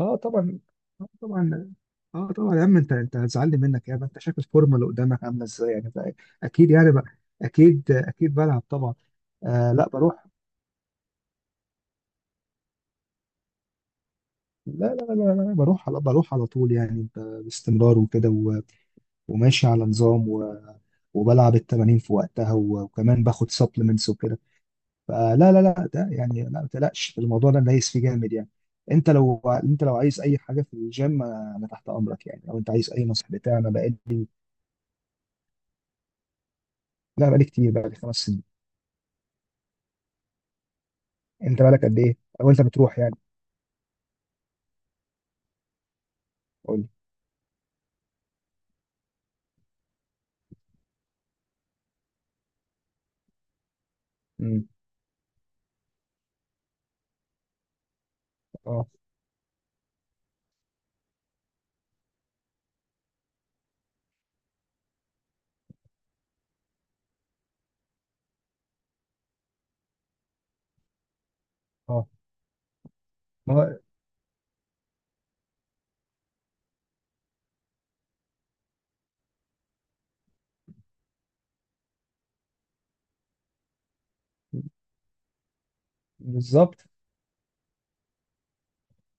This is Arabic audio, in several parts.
اه طبعا اه طبعا اه طبعا. يا عم انت هتزعلني منك يا عم، انت شايف الفورمه اللي قدامك عامله ازاي يعني بقى؟ اكيد يعني بقى، اكيد بلعب طبعا. آه لا بروح. لا بروح، بروح على طول يعني، باستمرار وكده وماشي على نظام، و وبلعب التمارين في وقتها، وكمان باخد سبلمنتس وكده. فلا لا لا ده يعني لا، ما تقلقش الموضوع ده، دايس فيه جامد يعني. انت لو عايز اي حاجه في الجيم، انا تحت امرك يعني، لو انت عايز اي نصيحه بتاع انا بقالي. لا بقالي كتير، بقالي 5 سنين. انت بقالك قد ايه او انت بتروح يعني؟ قول لي. مم. اه. اه. ما هو بالظبط.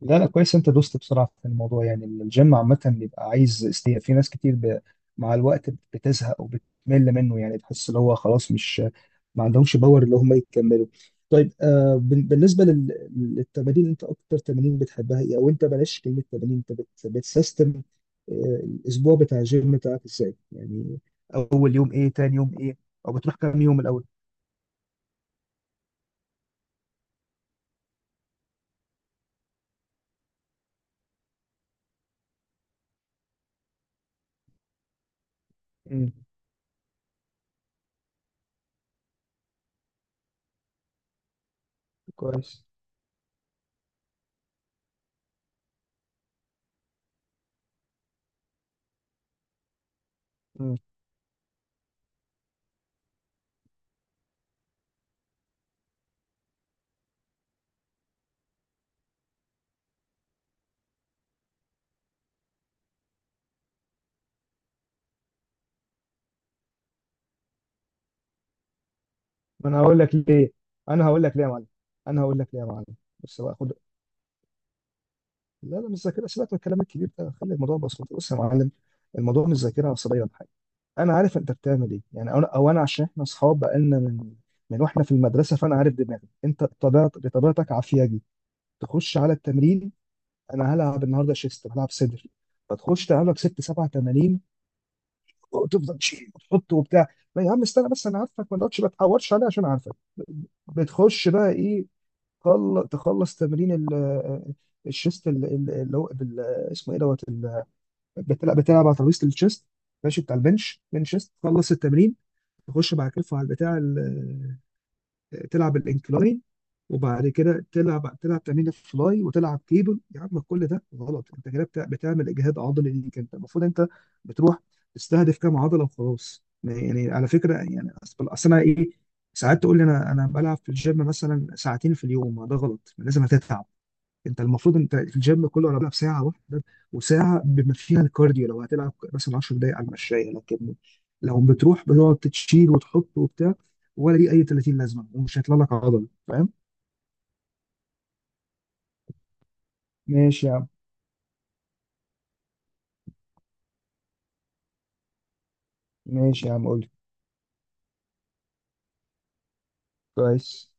لا كويس، انت دوست بسرعه في الموضوع يعني. الجيم عامه بيبقى عايز استياء، في ناس كتير مع الوقت بتزهق وبتمل منه يعني، تحس اللي هو خلاص مش ما عندهمش باور اللي هم يكملوا. طيب، آه، بالنسبه للتمارين، انت اكتر تمارين بتحبها ايه؟ او انت بلاش كلمه تمارين، انت بتسيستم آه الاسبوع بتاع الجيم بتاعك ازاي يعني؟ اول يوم ايه، تاني يوم ايه، او بتروح كام يوم الاول؟ امم. كويس. ما انا هقول لك ليه، انا هقول لك ليه يا معلم، انا هقول لك ليه يا معلم. بص بقى خد، لا مش ذاكره، سيبك من الكلام الكبير ده، خلي الموضوع بسيط. بص يا معلم، الموضوع مش ذاكره عصبيه ولا حاجه. انا عارف انت بتعمل ايه يعني، انا عشان احنا اصحاب بقالنا من واحنا في المدرسه، فانا عارف دماغك انت، بطبيعتك عافياجي تخش على التمرين. انا هلعب النهارده شيست، هلعب صدر، فتخش تلعب لك ست سبع تمارين، وتفضل تشيل وتحط وبتاع. ما يا عم استنى بس، انا عارفك، ما تقعدش ما تحورش عليا، عشان عارفك بتخش بقى ايه. تخلص تمرين الشيست اللي هو اسمه ايه دوت بتلعب على ترابيزه الشيست، ماشي، بتاع البنش، بنش شيست، تخلص التمرين. تخش بعد كده على البتاع تلعب الانكلاين، وبعد كده تلعب تمرين الفلاي، وتلعب كيبل. يا عم كل ده غلط، انت كده بتعمل اجهاد عضلي ليك. انت المفروض انت بتروح تستهدف كام عضله وخلاص يعني، على فكره يعني. أصل انا ايه، ساعات تقول لي انا بلعب في الجيم مثلا 2 ساعة في اليوم، ما ده غلط، لازم هتتعب. انت المفروض انت الجيم كله انا بلعب ساعه واحده، وساعه بما فيها الكارديو، لو هتلعب مثلا 10 دقائق على المشايه. لكن لو بتروح بتقعد تشيل وتحط وبتاع، ولا دي اي 30 لازمه، ومش هيطلع لك عضل، فاهم؟ ماشي يا عم. ماشي يا عم، قول لي. كويس.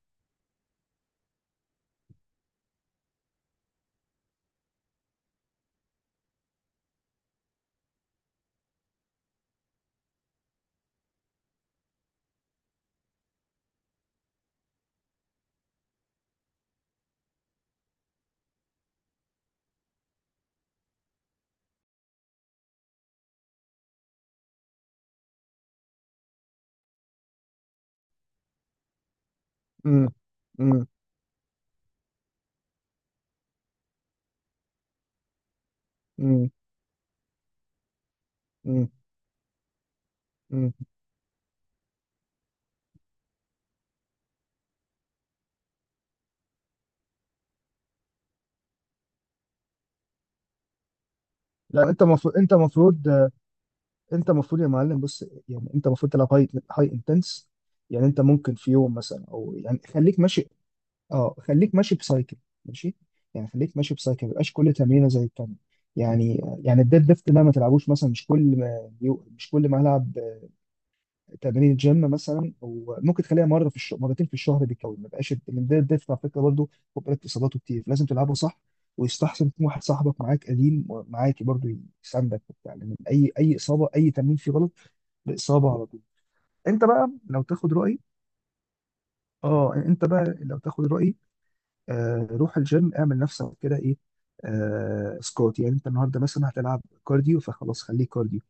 امم امم امم امم امم. لا انت مفروض انت مفروض يا معلم، بص يعني، انت المفروض تلعب هاي انتنس. يعني انت ممكن في يوم مثلا، او يعني خليك ماشي، اه خليك ماشي بسايكل، ماشي، يعني خليك ماشي بسايكل، ما يبقاش كل تمرينه زي التانيه. يعني يعني الديد ليفت ده ما تلعبوش مثلا، مش كل ما مش كل ما هلعب تمرين جيم مثلا، وممكن تخليها مره في الشهر، مرتين في الشهر بالكوي. ما يبقاش الديد ليفت على فكره برضه، خد بالك اصاباته كتير، لازم تلعبه صح. ويستحسن يكون واحد صاحبك معاك، قديم معاك برضه، يساندك وبتاع، لان اي اصابه، اي تمرين فيه غلط باصابه على طول. انت بقى لو تاخد رايي، اه انت بقى لو تاخد رايي، روح الجيم اعمل نفسك كده ايه، سكوات، يعني انت النهارده مثلا هتلعب كارديو، فخلاص خليه كارديو،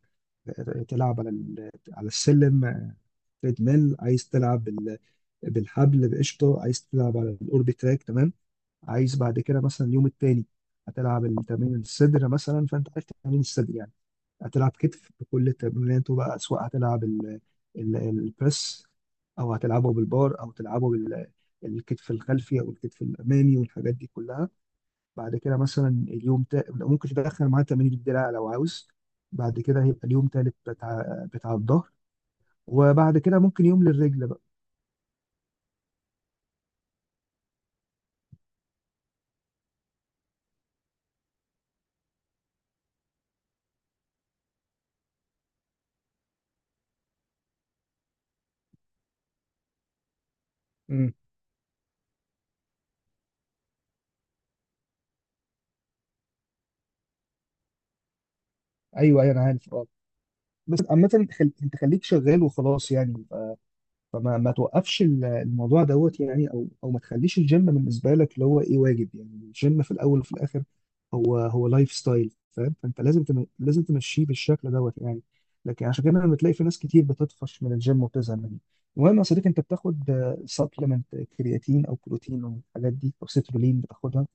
تلعب على على السلم، تريدميل، عايز تلعب بالحبل بقشطه، عايز تلعب على الاوربي تراك، تمام. عايز بعد كده مثلا اليوم التاني هتلعب التمرين الصدر مثلا، فانت عارف تمرين الصدر يعني. هتلعب كتف بكل تمريناته بقى، سواء هتلعب البريس، او هتلعبه بالبار، او تلعبه الكتف الخلفي، او الكتف الامامي، والحاجات دي كلها. بعد كده مثلا اليوم ممكن تدخل معاه تمارين الدراع لو عاوز. بعد كده هيبقى اليوم تالت بتاع الظهر، وبعد كده ممكن يوم للرجل بقى. امم. ايوه انا عارف اه. بس عامة انت انت خليك شغال وخلاص يعني، فما ما توقفش الموضوع دوت يعني، او او ما تخليش الجيم بالنسبه لك اللي هو ايه، واجب يعني. الجيم في الاول وفي الاخر هو هو لايف ستايل، فاهم؟ فانت لازم لازم تمشيه بالشكل دوت يعني. لكن عشان كده لما تلاقي في ناس كتير بتطفش من الجيم وبتزهق منه. المهم يا صديقي، انت بتاخد سبلمنت، كرياتين او بروتين او الحاجات دي، او سيترولين، بتاخدها؟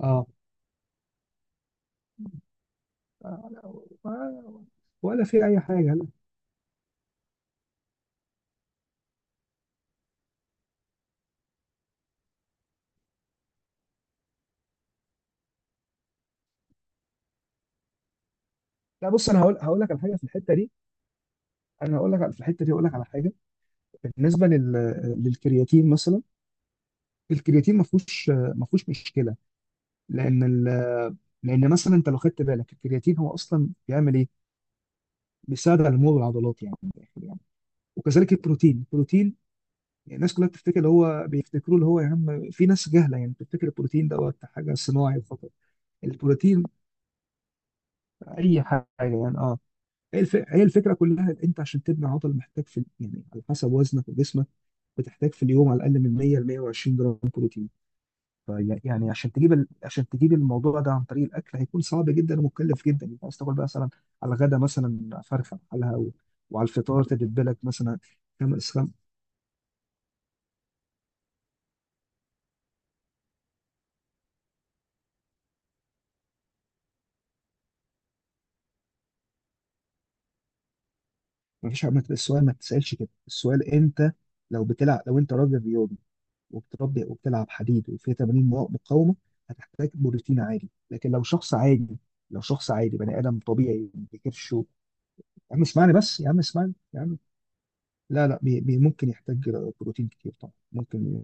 اه. آه، ولا ولا في اي حاجه، لا. لا، بص انا هقول لك على حاجه في الحته دي، انا هقول لك على، في الحته دي هقول لك على حاجه. بالنسبه للكرياتين مثلا، الكرياتين ما فيهوش مشكله. لان لان مثلا انت لو خدت بالك، الكرياتين هو اصلا بيعمل ايه؟ بيساعد على نمو العضلات يعني، من الاخر يعني. وكذلك البروتين، يعني الناس كلها بتفتكر اللي هو بيفتكروا اللي هو، يا عم في ناس جهله يعني، بتفتكر البروتين دوت حاجه صناعي فقط. البروتين اي حاجه يعني، اه. هي الفكره كلها، إن انت عشان تبني عضل محتاج في يعني، على حسب وزنك وجسمك، بتحتاج في اليوم على الاقل من 100 ل 120 جرام بروتين. يعني عشان تجيب عشان تجيب الموضوع ده عن طريق الاكل، هيكون صعب جدا ومكلف جدا. انت عايز تاكل بقى مثلا على الغدا مثلا فرخه بحالها، وعلى الفطار تدبلك مثلا خمس ما فيش ما- السؤال ما تسالش كده، السؤال انت لو بتلعب، لو انت راجل رياضي، وبتربي وبتلعب حديد، وفيه تمارين مقاومه، هتحتاج بروتين عادي. لكن لو شخص عادي، لو شخص عادي بني ادم طبيعي، ما بيكرش و، يا عم اسمعني بس، يا عم اسمعني، لا بي ممكن يحتاج بروتين كتير طبعا، ممكن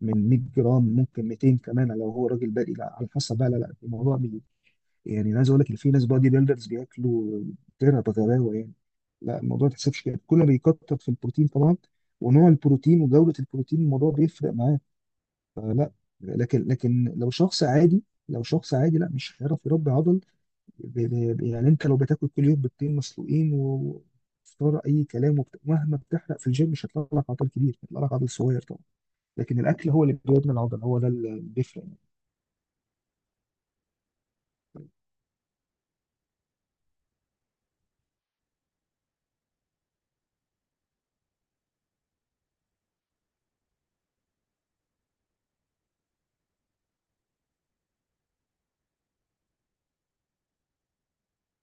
من 100 جرام، ممكن 200 كمان لو هو راجل بادئ. لا على حسب بقى، لا الموضوع بي، يعني انا عايز اقول لك ان في ناس بادي بيلدرز بياكلوا ترى بغباوه يعني. لا الموضوع ما تحسبش كده، كل ما بيكتر في البروتين طبعا، ونوع البروتين، وجوده البروتين، الموضوع بيفرق معاه. فلا، لكن لو شخص عادي، لو شخص عادي لا مش هيعرف يربي عضل. ب- يعني انت لو بتاكل كل يوم بيضتين مسلوقين وفطار اي كلام، مهما بتحرق في الجيم مش هيطلع لك عضل كبير، هيطلع لك عضل صغير طبعا. لكن الاكل هو اللي بيبني العضل، هو ده اللي بيفرق يعني.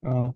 اه.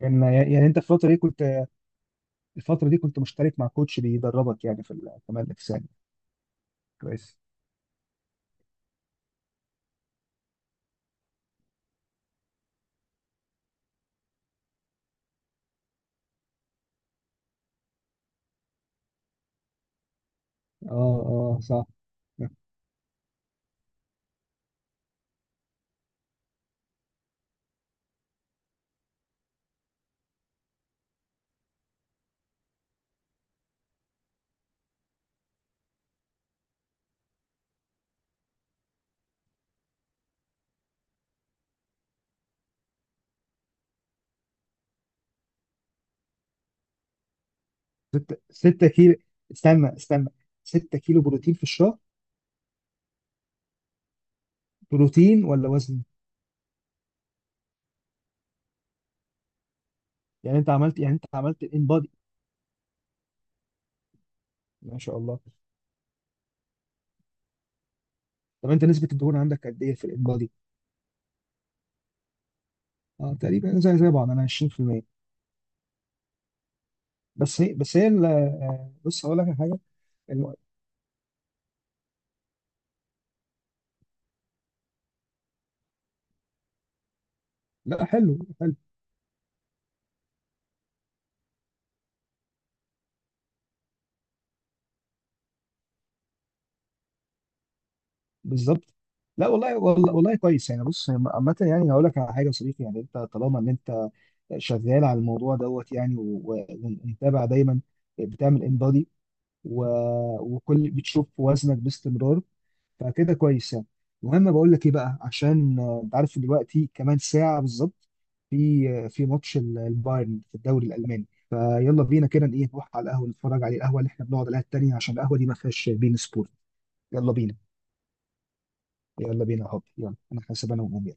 يعني يعني انت في الفتره دي كنت، الفتره دي كنت مشترك مع كوتش بيدربك يعني في كمال الاجسام؟ كويس. اه اه صح. ستة كيلو، استنى استنى، 6 كيلو بروتين في الشهر؟ بروتين ولا وزن؟ يعني انت عملت الان بادي. ما شاء الله، طب انت نسبة الدهون عندك قد ايه في الان؟ اه تقريبا زي بعض، انا 20%. بس هي بس هي ال- آه، بص هقول لك على حاجه. الم- لا حلو حلو. بالظبط. لا والله والله والله كويس يعني. بص عامة يعني هقول لك على حاجة يا صديقي، يعني انت طالما ان انت شغال على الموضوع دوت يعني ومتابع دايما، بتعمل انبادي، وكل، بتشوف وزنك باستمرار، فكده كويس يعني. المهم بقول لك ايه بقى، عشان انت عارف دلوقتي كمان ساعه بالظبط في في ماتش البايرن في الدوري الالماني، فيلا بينا كده ايه نروح على القهوه نتفرج عليه، القهوه اللي احنا بنقعد عليها التانيه، عشان القهوه دي ما فيهاش بين سبورت. يلا بينا. يا حبيبي يلا، انا حاسب انا وأمي.